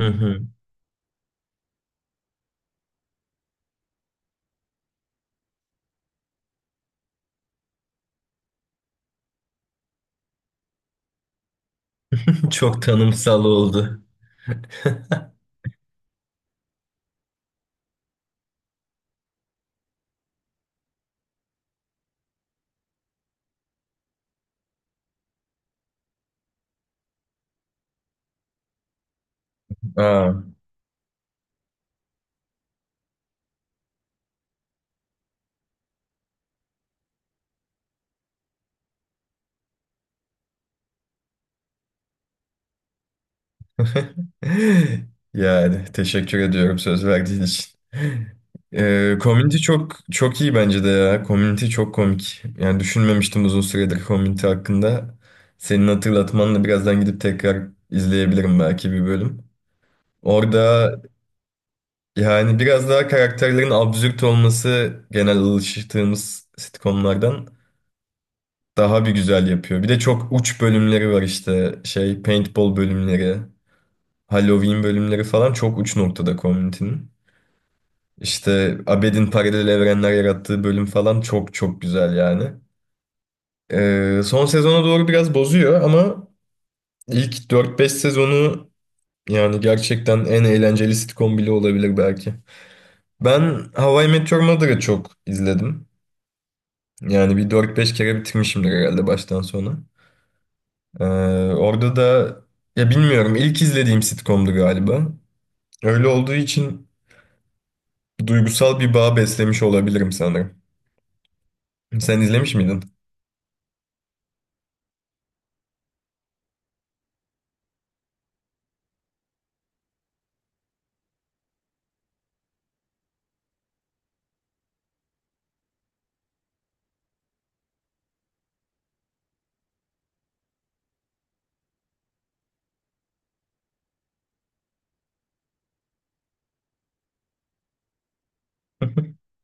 Hı hı. Çok tanımsal oldu. Aa. Yani teşekkür ediyorum söz verdiğin için. Community çok çok iyi bence de ya. Community çok komik. Yani düşünmemiştim uzun süredir Community hakkında. Senin hatırlatmanla birazdan gidip tekrar izleyebilirim belki bir bölüm. Orada yani biraz daha karakterlerin absürt olması genel alıştığımız sitcomlardan daha bir güzel yapıyor. Bir de çok uç bölümleri var işte. Şey paintball bölümleri, Halloween bölümleri falan çok uç noktada Community'nin. İşte Abed'in paralel evrenler yarattığı bölüm falan çok çok güzel yani. Son sezona doğru biraz bozuyor ama ilk dört beş sezonu yani gerçekten en eğlenceli sitcom bile olabilir belki. Ben How I Met Your Mother'ı çok izledim. Yani bir dört beş kere bitirmişimdir herhalde baştan sona. Ee, orada da ya bilmiyorum ilk izlediğim sitcomdu galiba. Öyle olduğu için duygusal bir bağ beslemiş olabilirim sanırım. Sen izlemiş miydin?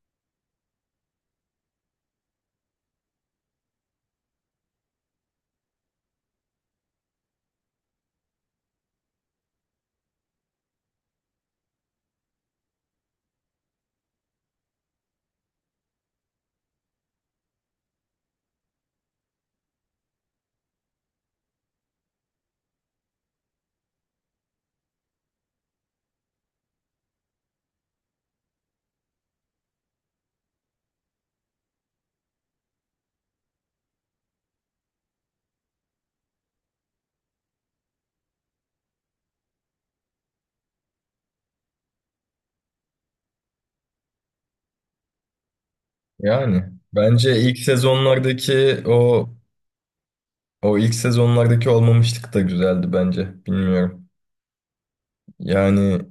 Yani bence ilk sezonlardaki o o ilk sezonlardaki olmamışlık da güzeldi bence. Bilmiyorum. Yani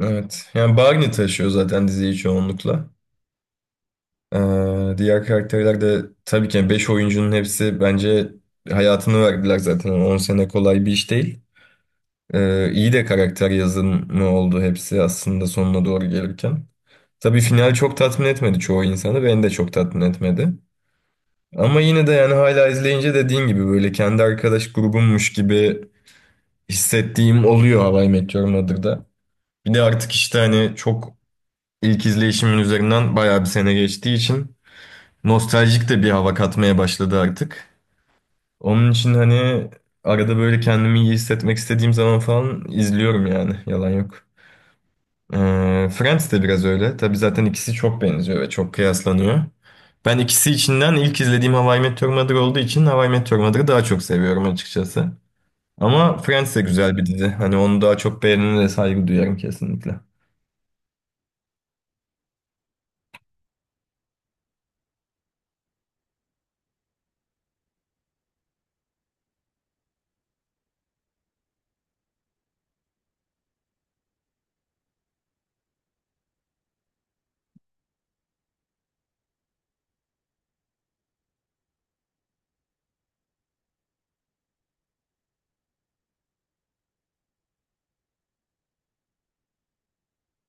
evet. Yani Barney taşıyor zaten diziyi çoğunlukla. Diğer karakterler de tabii ki yani 5 oyuncunun hepsi bence hayatını verdiler zaten. Yani 10 sene kolay bir iş değil. İyi de karakter yazımı oldu hepsi aslında sonuna doğru gelirken. Tabii final çok tatmin etmedi çoğu insanı, beni de çok tatmin etmedi. Ama yine de yani hala izleyince dediğin gibi böyle kendi arkadaş grubummuş gibi hissettiğim oluyor How I Met Your Mother'da. Bir de artık işte hani çok ilk izleyişimin üzerinden bayağı bir sene geçtiği için nostaljik de bir hava katmaya başladı artık. Onun için hani arada böyle kendimi iyi hissetmek istediğim zaman falan izliyorum yani yalan yok. Friends de biraz öyle. Tabii zaten ikisi çok benziyor ve çok kıyaslanıyor. Ben ikisi içinden ilk izlediğim How I Met Your Mother olduğu için How I Met Your Mother'ı daha çok seviyorum açıkçası. Ama Friends de güzel bir dizi. Hani onu daha çok beğenene de saygı duyarım kesinlikle.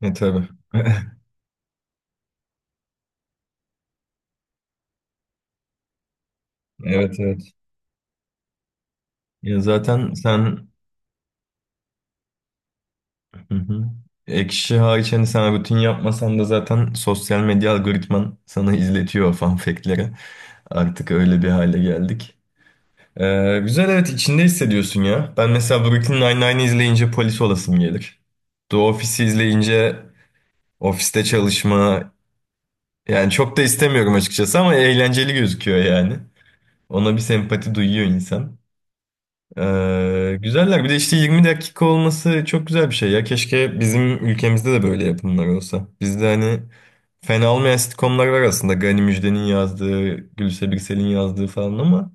E tabii. Evet evet. Ya zaten sen hı hı. Ekşi hariç hani sen rutin yapmasan da zaten sosyal medya algoritman sana izletiyor o fun fact'leri. Artık öyle bir hale geldik. Güzel evet içinde hissediyorsun ya. Ben mesela Brooklyn Nine-Nine'i izleyince polis olasım gelir. The Office'i izleyince ofiste çalışma yani çok da istemiyorum açıkçası ama eğlenceli gözüküyor yani. Ona bir sempati duyuyor insan. Güzeller bir de işte 20 dakika olması çok güzel bir şey ya. Keşke bizim ülkemizde de böyle yapımlar olsa. Bizde hani fena olmayan sitcomlar var aslında. Gani Müjde'nin yazdığı, Gülse Birsel'in yazdığı falan ama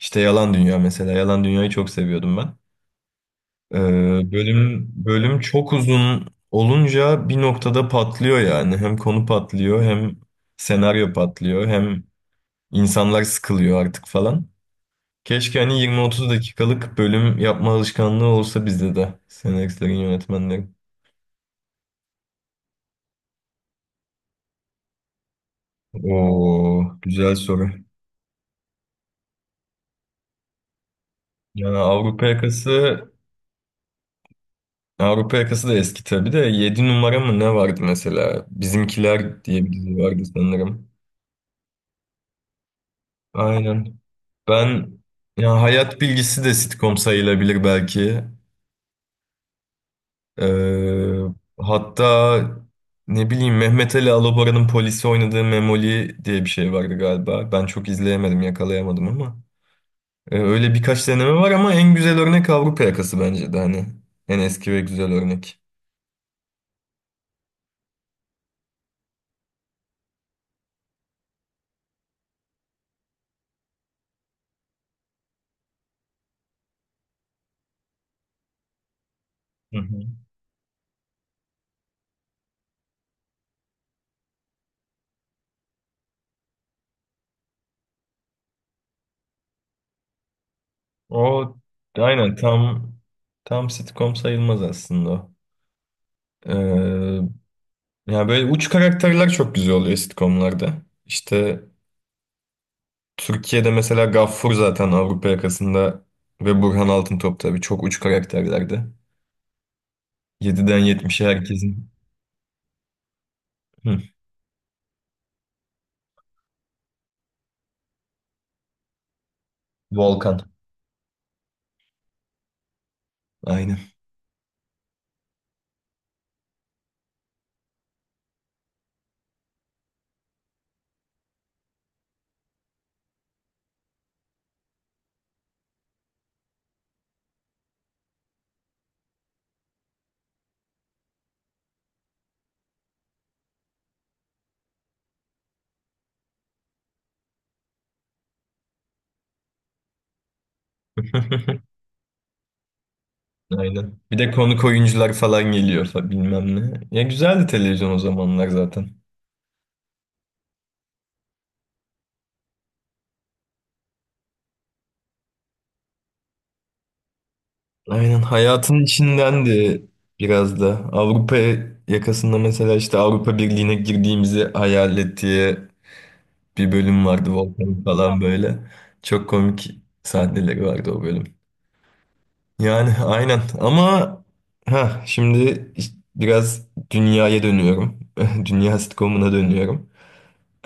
işte Yalan Dünya mesela. Yalan Dünya'yı çok seviyordum ben. Bölüm bölüm çok uzun olunca bir noktada patlıyor yani. Hem konu patlıyor, hem senaryo patlıyor, hem insanlar sıkılıyor artık falan. Keşke hani 20-30 dakikalık bölüm yapma alışkanlığı olsa bizde de senaristlerin, yönetmenlerin. Oo, güzel soru. Yani Avrupa Yakası da eski tabii de 7 numara mı ne vardı mesela? Bizimkiler diye bir dizi vardı sanırım. Aynen. Ben ya hayat bilgisi de sitcom sayılabilir belki. Ee, hatta ne bileyim Mehmet Ali Alabora'nın polisi oynadığı Memoli diye bir şey vardı galiba. Ben çok izleyemedim, yakalayamadım ama. Öyle birkaç deneme var ama en güzel örnek Avrupa Yakası bence de hani. En eski ve güzel örnek. Hı hı. O aynen tam tam sitcom sayılmaz aslında o. Ee, ya böyle uç karakterler çok güzel oluyor sitcomlarda. İşte Türkiye'de mesela Gaffur zaten Avrupa Yakası'nda ve Burhan Altıntop tabii çok uç karakterlerdi. Yediden yetmişe herkesin. Hı, Volkan. Aynen. Aynen. Bir de konuk oyuncular falan geliyor bilmem ne. Ya güzeldi televizyon o zamanlar zaten. Aynen hayatın içindendi biraz da. Avrupa Yakası'nda mesela işte Avrupa Birliği'ne girdiğimizi hayal et diye bir bölüm vardı Volkan falan böyle. Çok komik sahneleri vardı o bölüm. Yani aynen ama ha şimdi biraz dünyaya dönüyorum. Dünya sitcomuna dönüyorum.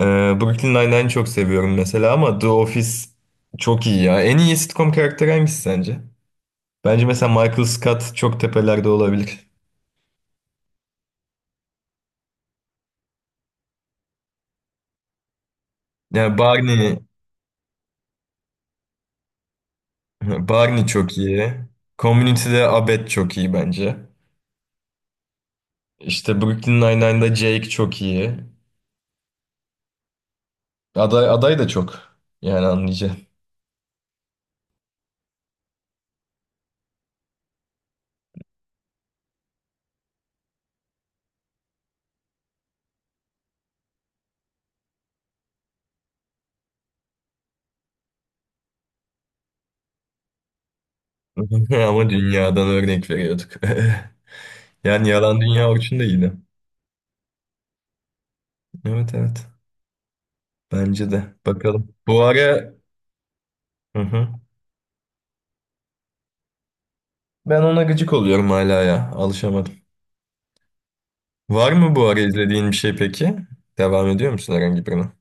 Ee, Brooklyn Nine-Nine'i çok seviyorum mesela ama The Office çok iyi ya. En iyi sitcom karakteri hangisi sence? Bence mesela Michael Scott çok tepelerde olabilir. Yani Barney çok iyi. Community'de Abed çok iyi bence. İşte Brooklyn Nine-Nine'da Jake çok iyi. Aday, aday da çok. Yani anlayacağın. Ama dünyadan örnek veriyorduk. Yani Yalan Dünya için de iyiydi. Evet evet. Bence de. Bakalım. Bu ara. Hı hı. Ben ona gıcık oluyorum hala ya. Alışamadım. Var mı bu ara izlediğin bir şey peki? Devam ediyor musun herhangi birine?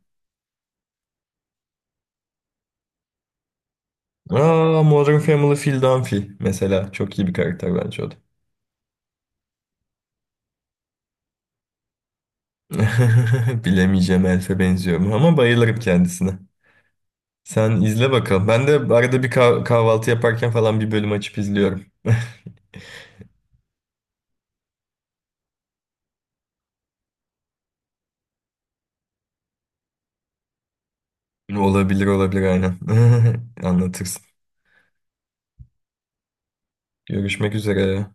Aa, Modern Family Phil Dunphy mesela. Çok iyi bir karakter bence o da. Bilemeyeceğim Elf'e benziyorum ama bayılırım kendisine. Sen izle bakalım. Ben de arada bir kahvaltı yaparken falan bir bölüm açıp izliyorum. Olabilir olabilir aynen. Anlatırsın. Görüşmek üzere.